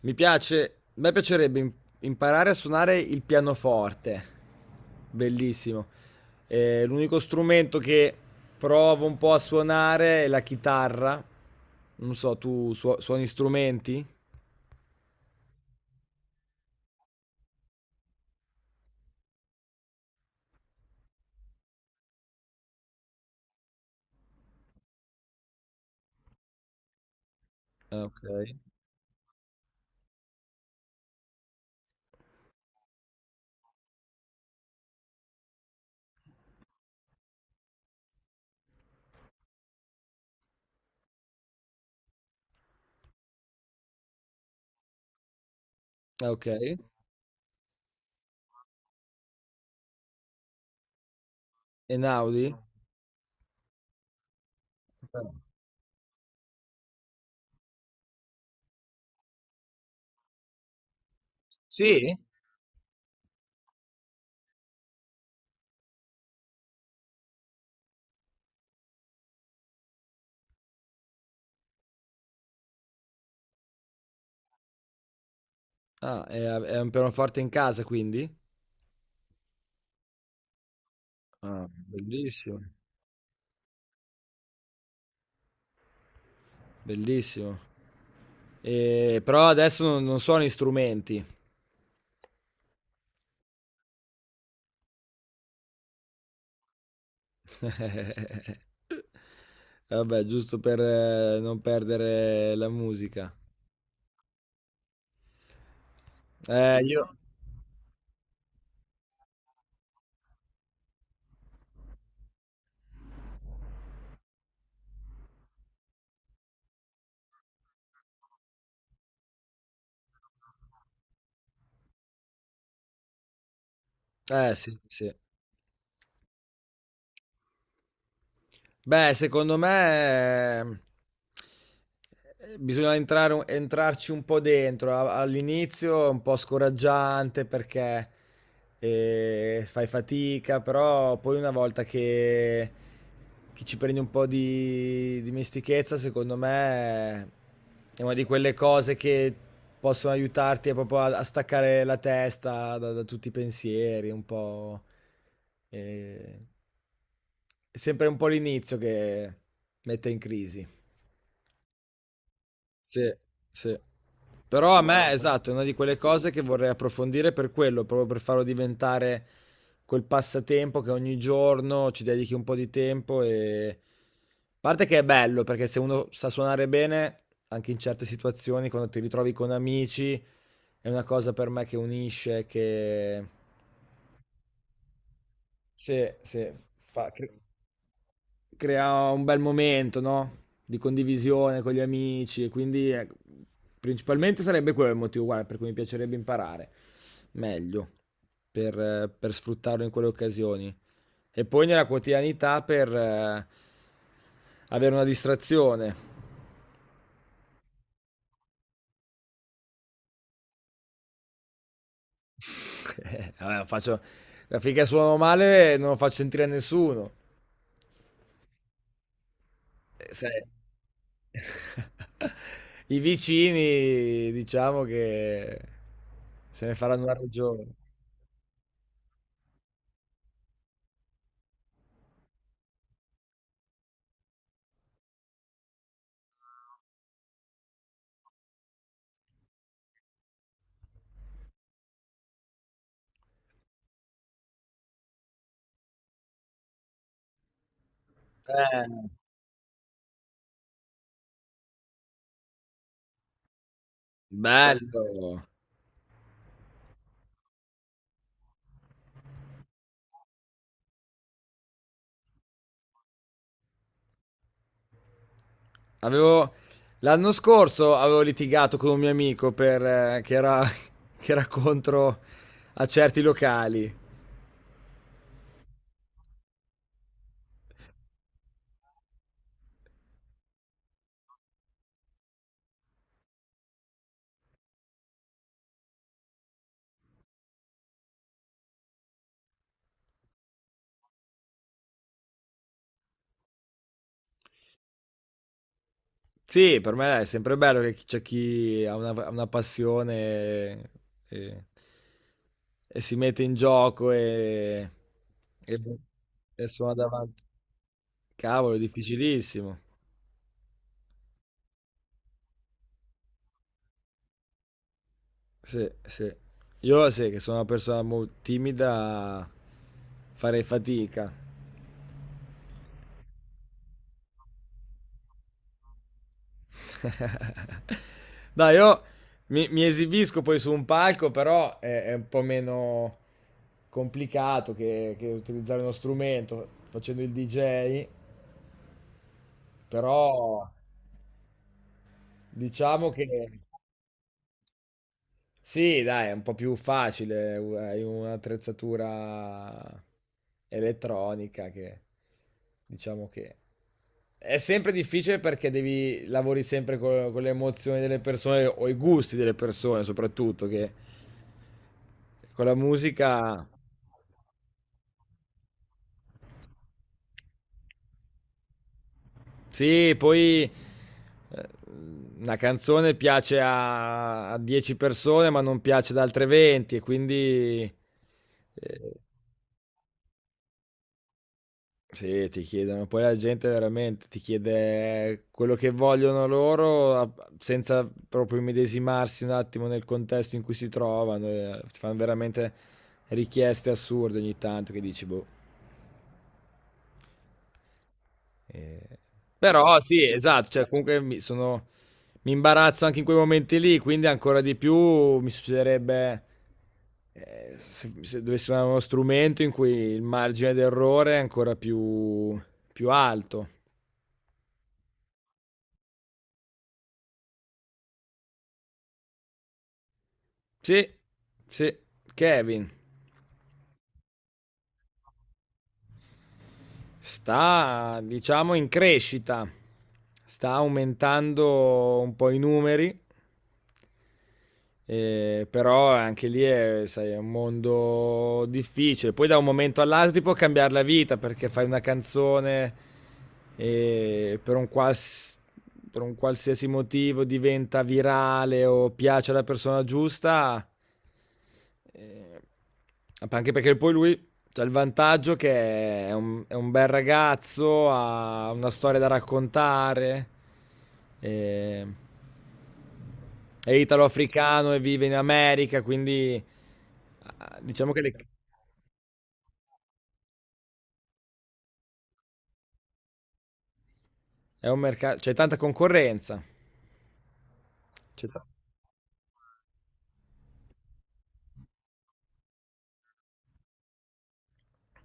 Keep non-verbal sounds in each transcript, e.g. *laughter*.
Mi piace, a me piacerebbe imparare a suonare il pianoforte, bellissimo. L'unico strumento che provo un po' a suonare è la chitarra. Non so, tu suoni strumenti? Ah, ok. Ah, ok. E Naudi? Ah, è un pianoforte in casa quindi? Ah, bellissimo, bellissimo. Però adesso non suono strumenti. *laughs* Vabbè, giusto per non perdere la musica. Io... sì, sì. Beh, secondo me bisogna entrare, entrarci un po' dentro. All'inizio è un po' scoraggiante perché fai fatica, però poi una volta che ci prendi un po' di dimestichezza, secondo me è una di quelle cose che possono aiutarti proprio a staccare la testa da tutti i pensieri, un po'... eh, è sempre un po' l'inizio che mette in crisi. Sì, sì. Però a me, esatto, è una di quelle cose che vorrei approfondire per quello, proprio per farlo diventare quel passatempo che ogni giorno ci dedichi un po' di tempo e... A parte che è bello, perché se uno sa suonare bene, anche in certe situazioni, quando ti ritrovi con amici, è una cosa per me che unisce, che... Sì, sì, fa... crea un bel momento, no? Di condivisione con gli amici, e quindi principalmente sarebbe quello il motivo guarda, per cui mi piacerebbe imparare meglio, per sfruttarlo in quelle occasioni. E poi nella quotidianità per avere una distrazione. *laughs* Vabbè, finché suono male non lo faccio sentire a nessuno. Sai, *laughs* i vicini diciamo che se ne faranno una ragione. Eh, bello. Avevo l'anno scorso avevo litigato con un mio amico per che era *laughs* che era contro a certi locali. Sì, per me è sempre bello che c'è chi ha una passione e, e si mette in gioco e, e suona davanti. Cavolo, è difficilissimo. Sì, sì. Io sì, che sono una persona molto timida, farei fatica. *laughs* Dai, io mi esibisco poi su un palco, però è un po' meno complicato che utilizzare uno strumento facendo il DJ, però diciamo che... Sì, dai, è un po' più facile, hai un'attrezzatura elettronica che diciamo che è sempre difficile perché devi lavori sempre con, le emozioni delle persone o i gusti delle persone, soprattutto che con la musica sì, poi eh, una canzone piace a 10 persone, ma non piace ad altre 20 e quindi eh, sì, ti chiedono poi la gente veramente ti chiede quello che vogliono loro a senza proprio immedesimarsi un attimo nel contesto in cui si trovano, ti fan veramente richieste assurde ogni tanto che dici: "Boh". Ehm, però sì, esatto, cioè comunque mi imbarazzo anche in quei momenti lì, quindi ancora di più mi succederebbe, se se dovessi suonare uno strumento in cui il margine d'errore è ancora più alto. Sì, sì, Kevin sta, diciamo, in crescita, sta aumentando un po' i numeri. Però anche lì è, sai, è un mondo difficile. Poi da un momento all'altro ti può cambiare la vita perché fai una canzone e per per un qualsiasi motivo diventa virale o piace alla persona giusta. Eh, anche perché poi lui ha il vantaggio che è è un bel ragazzo, ha una storia da raccontare. Eh, è italo-africano e vive in America, quindi ah, diciamo che è un mercato, c'è tanta concorrenza. C'è ta-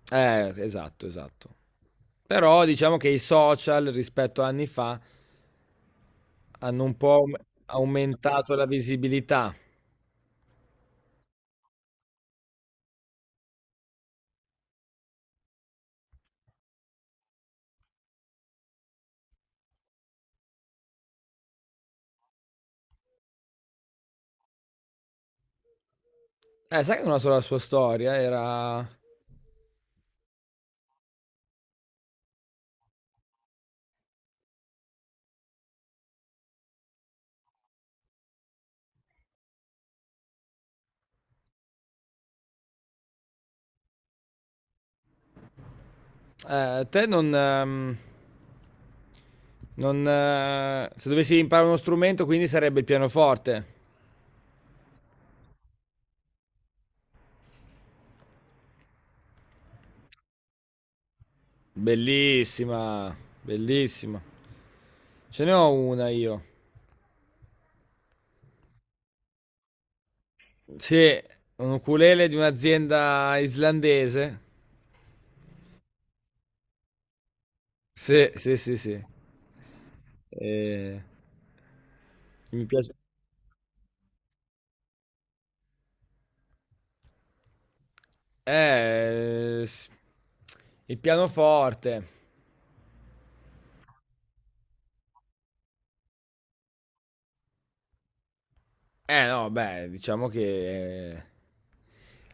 esatto, esatto. Però diciamo che i social rispetto a anni fa hanno un po' aumentato la visibilità. Sai che non ha solo la sua storia, era... te non... non se dovessi imparare uno strumento, quindi sarebbe il pianoforte. Bellissima, bellissima. Ce ne ho una io. Sì, un ukulele di un'azienda islandese. Sì, sì, sì, sì. Eh, mi piace. Eh, s- il pianoforte. Eh no, beh, diciamo che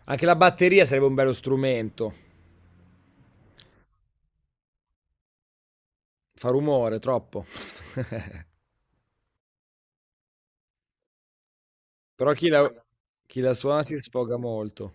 anche la batteria sarebbe un bello strumento. Fa rumore, troppo. *laughs* Però chi la suona si sfoga molto.